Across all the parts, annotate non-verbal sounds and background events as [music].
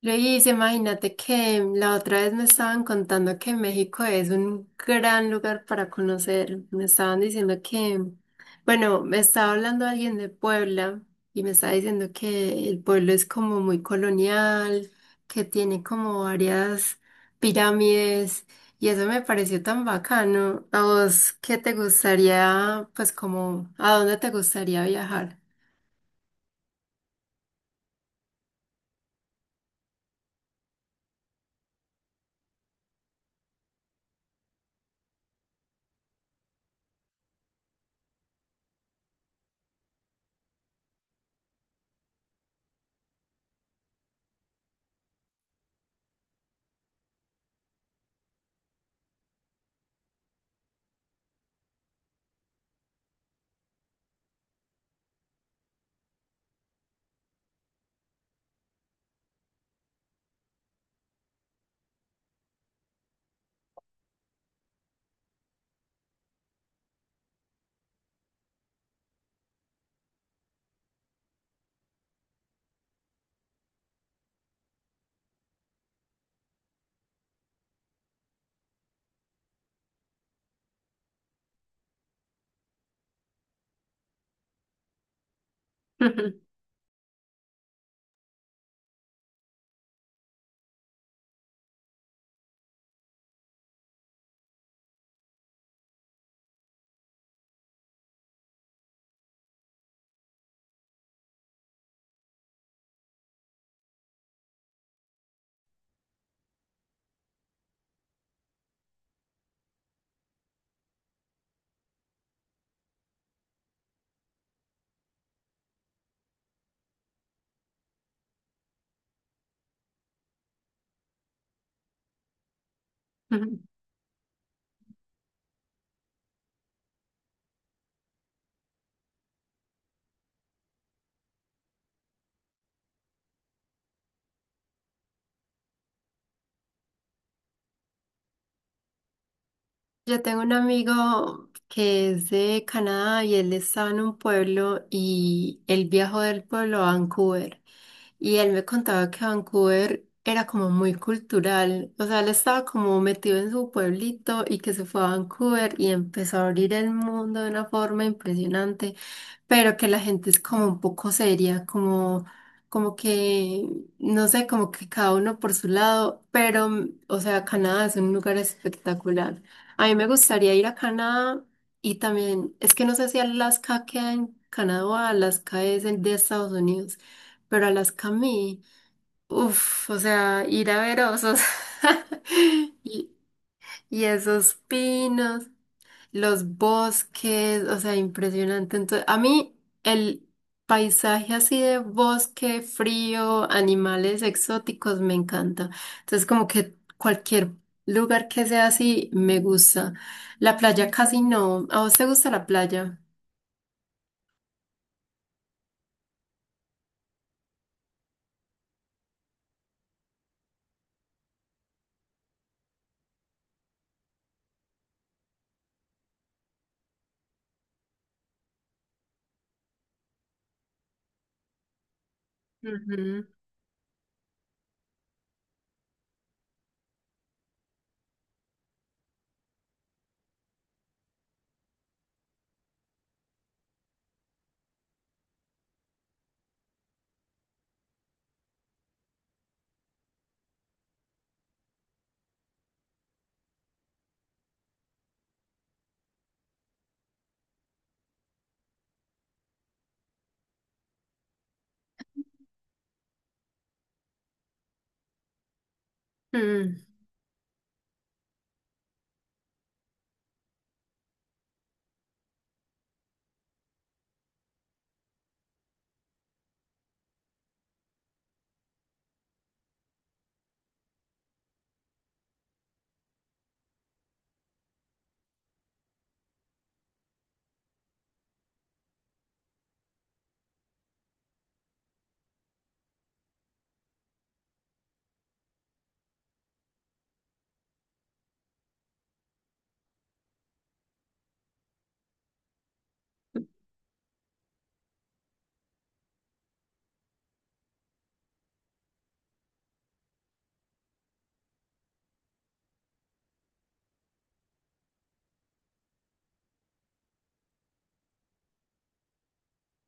Luis, imagínate que la otra vez me estaban contando que México es un gran lugar para conocer. Me estaban diciendo que, bueno, me estaba hablando alguien de Puebla y me estaba diciendo que el pueblo es como muy colonial, que tiene como varias pirámides y eso me pareció tan bacano. ¿A vos qué te gustaría, pues como, a dónde te gustaría viajar? [laughs] Yo tengo un amigo que es de Canadá y él estaba en un pueblo y él viajó del pueblo a Vancouver y él me contaba que Vancouver era como muy cultural, o sea, él estaba como metido en su pueblito y que se fue a Vancouver y empezó a abrir el mundo de una forma impresionante pero que la gente es como un poco seria, como, como que, no sé, como que cada uno por su lado, pero, o sea, Canadá es un lugar espectacular. A mí me gustaría ir a Canadá y también, es que no sé si Alaska queda en Canadá o Alaska es el de Estados Unidos, pero Alaska a mí, uff, o sea, ir a ver osos [laughs] y, y esos pinos los bosques, o sea, impresionante. Entonces, a mí el paisaje así de bosque, frío, animales exóticos me encanta. Entonces, como que cualquier lugar que sea así me gusta. La playa casi no. ¿A vos te gusta la playa? Ujú. Mm.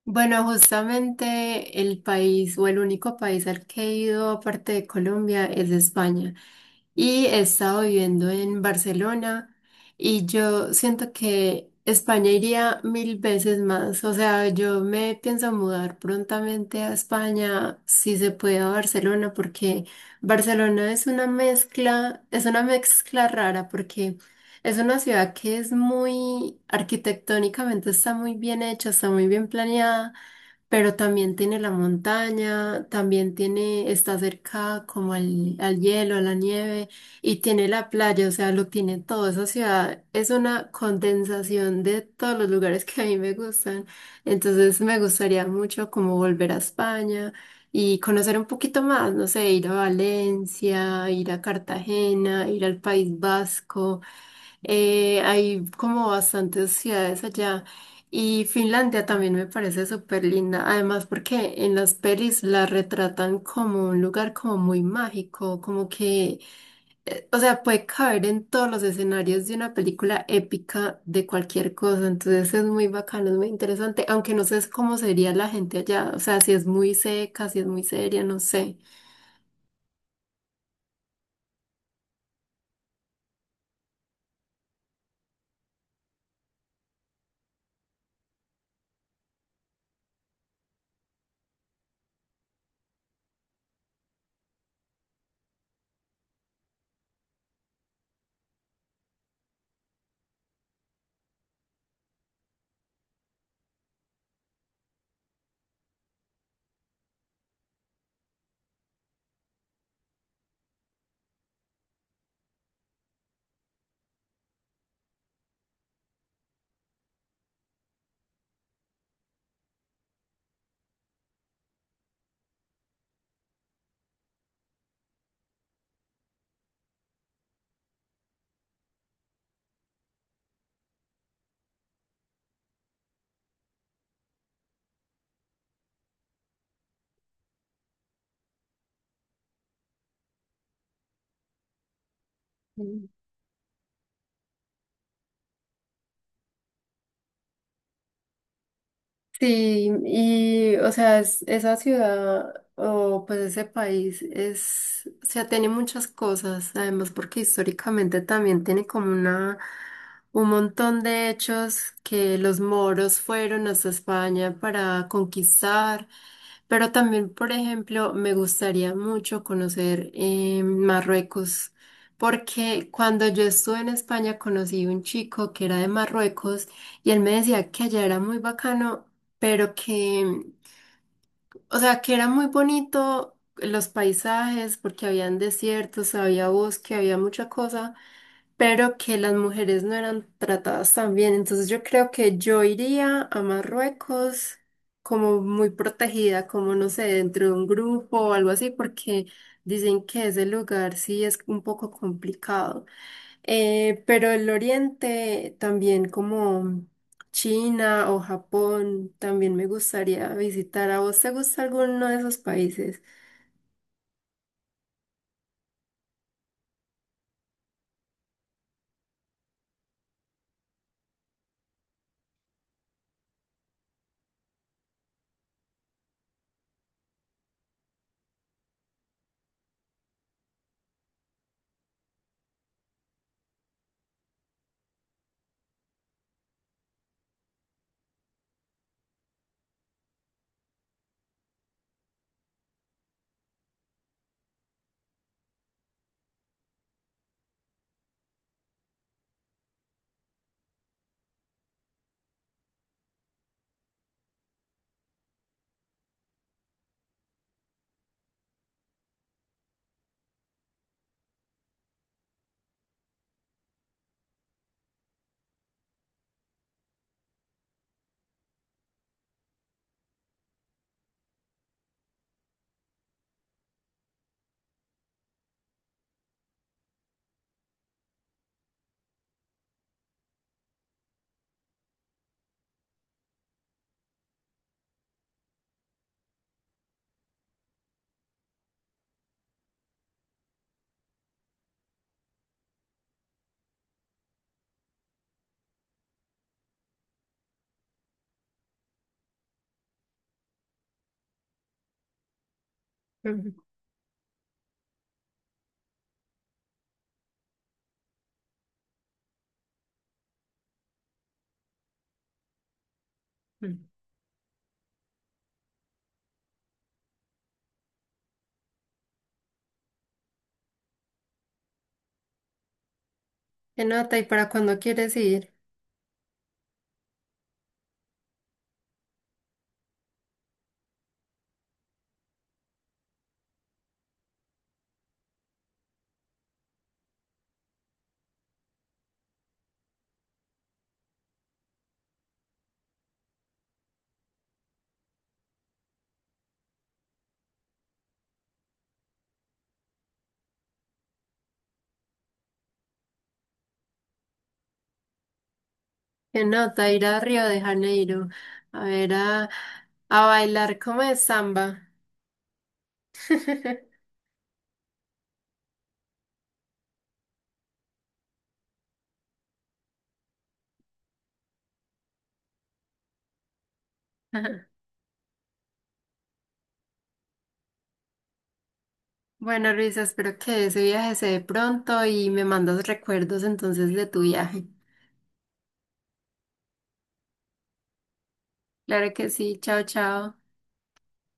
Bueno, justamente el país o el único país al que he ido aparte de Colombia es España. Y he estado viviendo en Barcelona y yo siento que España iría mil veces más. O sea, yo me pienso mudar prontamente a España, si se puede a Barcelona, porque Barcelona es una mezcla rara porque... Es una ciudad que es muy arquitectónicamente está muy bien hecha, está muy bien planeada pero también tiene la montaña, también tiene, está cerca como al, al hielo, a la nieve, y tiene la playa, o sea, lo tiene todo. Esa ciudad es una condensación de todos los lugares que a mí me gustan. Entonces me gustaría mucho como volver a España y conocer un poquito más, no sé, ir a Valencia, ir a Cartagena, ir al País Vasco. Hay como bastantes ciudades allá y Finlandia también me parece súper linda, además porque en las pelis la retratan como un lugar como muy mágico, como que, o sea, puede caber en todos los escenarios de una película épica de cualquier cosa, entonces es muy bacano, es muy interesante, aunque no sé cómo sería la gente allá, o sea, si es muy seca, si es muy seria, no sé. Sí, y o sea, es- esa ciudad o pues ese país es, o sea, tiene muchas cosas, además porque históricamente también tiene como una, un montón de hechos que los moros fueron hasta España para conquistar, pero también, por ejemplo, me gustaría mucho conocer Marruecos, porque cuando yo estuve en España conocí un chico que era de Marruecos. Y él me decía que allá era muy bacano pero que, o sea, que era muy bonito los paisajes porque habían desiertos, había bosque, había mucha cosa, pero que las mujeres no eran tratadas tan bien. Entonces yo creo que yo iría a Marruecos como muy protegida, como no sé, dentro de un grupo o algo así, porque dicen que ese lugar sí es un poco complicado. Pero el Oriente también como China o Japón también me gustaría visitar. ¿A vos te gusta alguno de esos país? Ujú. Ujú. ¿Qué nota y para cuándo quieres ir? Qué nota ir a Río de Janeiro a ver a bailar como es samba. [laughs] Ajá. Bueno, Luisa, espero que ese viaje se dé pronto y me mandas recuerdos entonces de tu viaje. Claro que sí, chao, chao.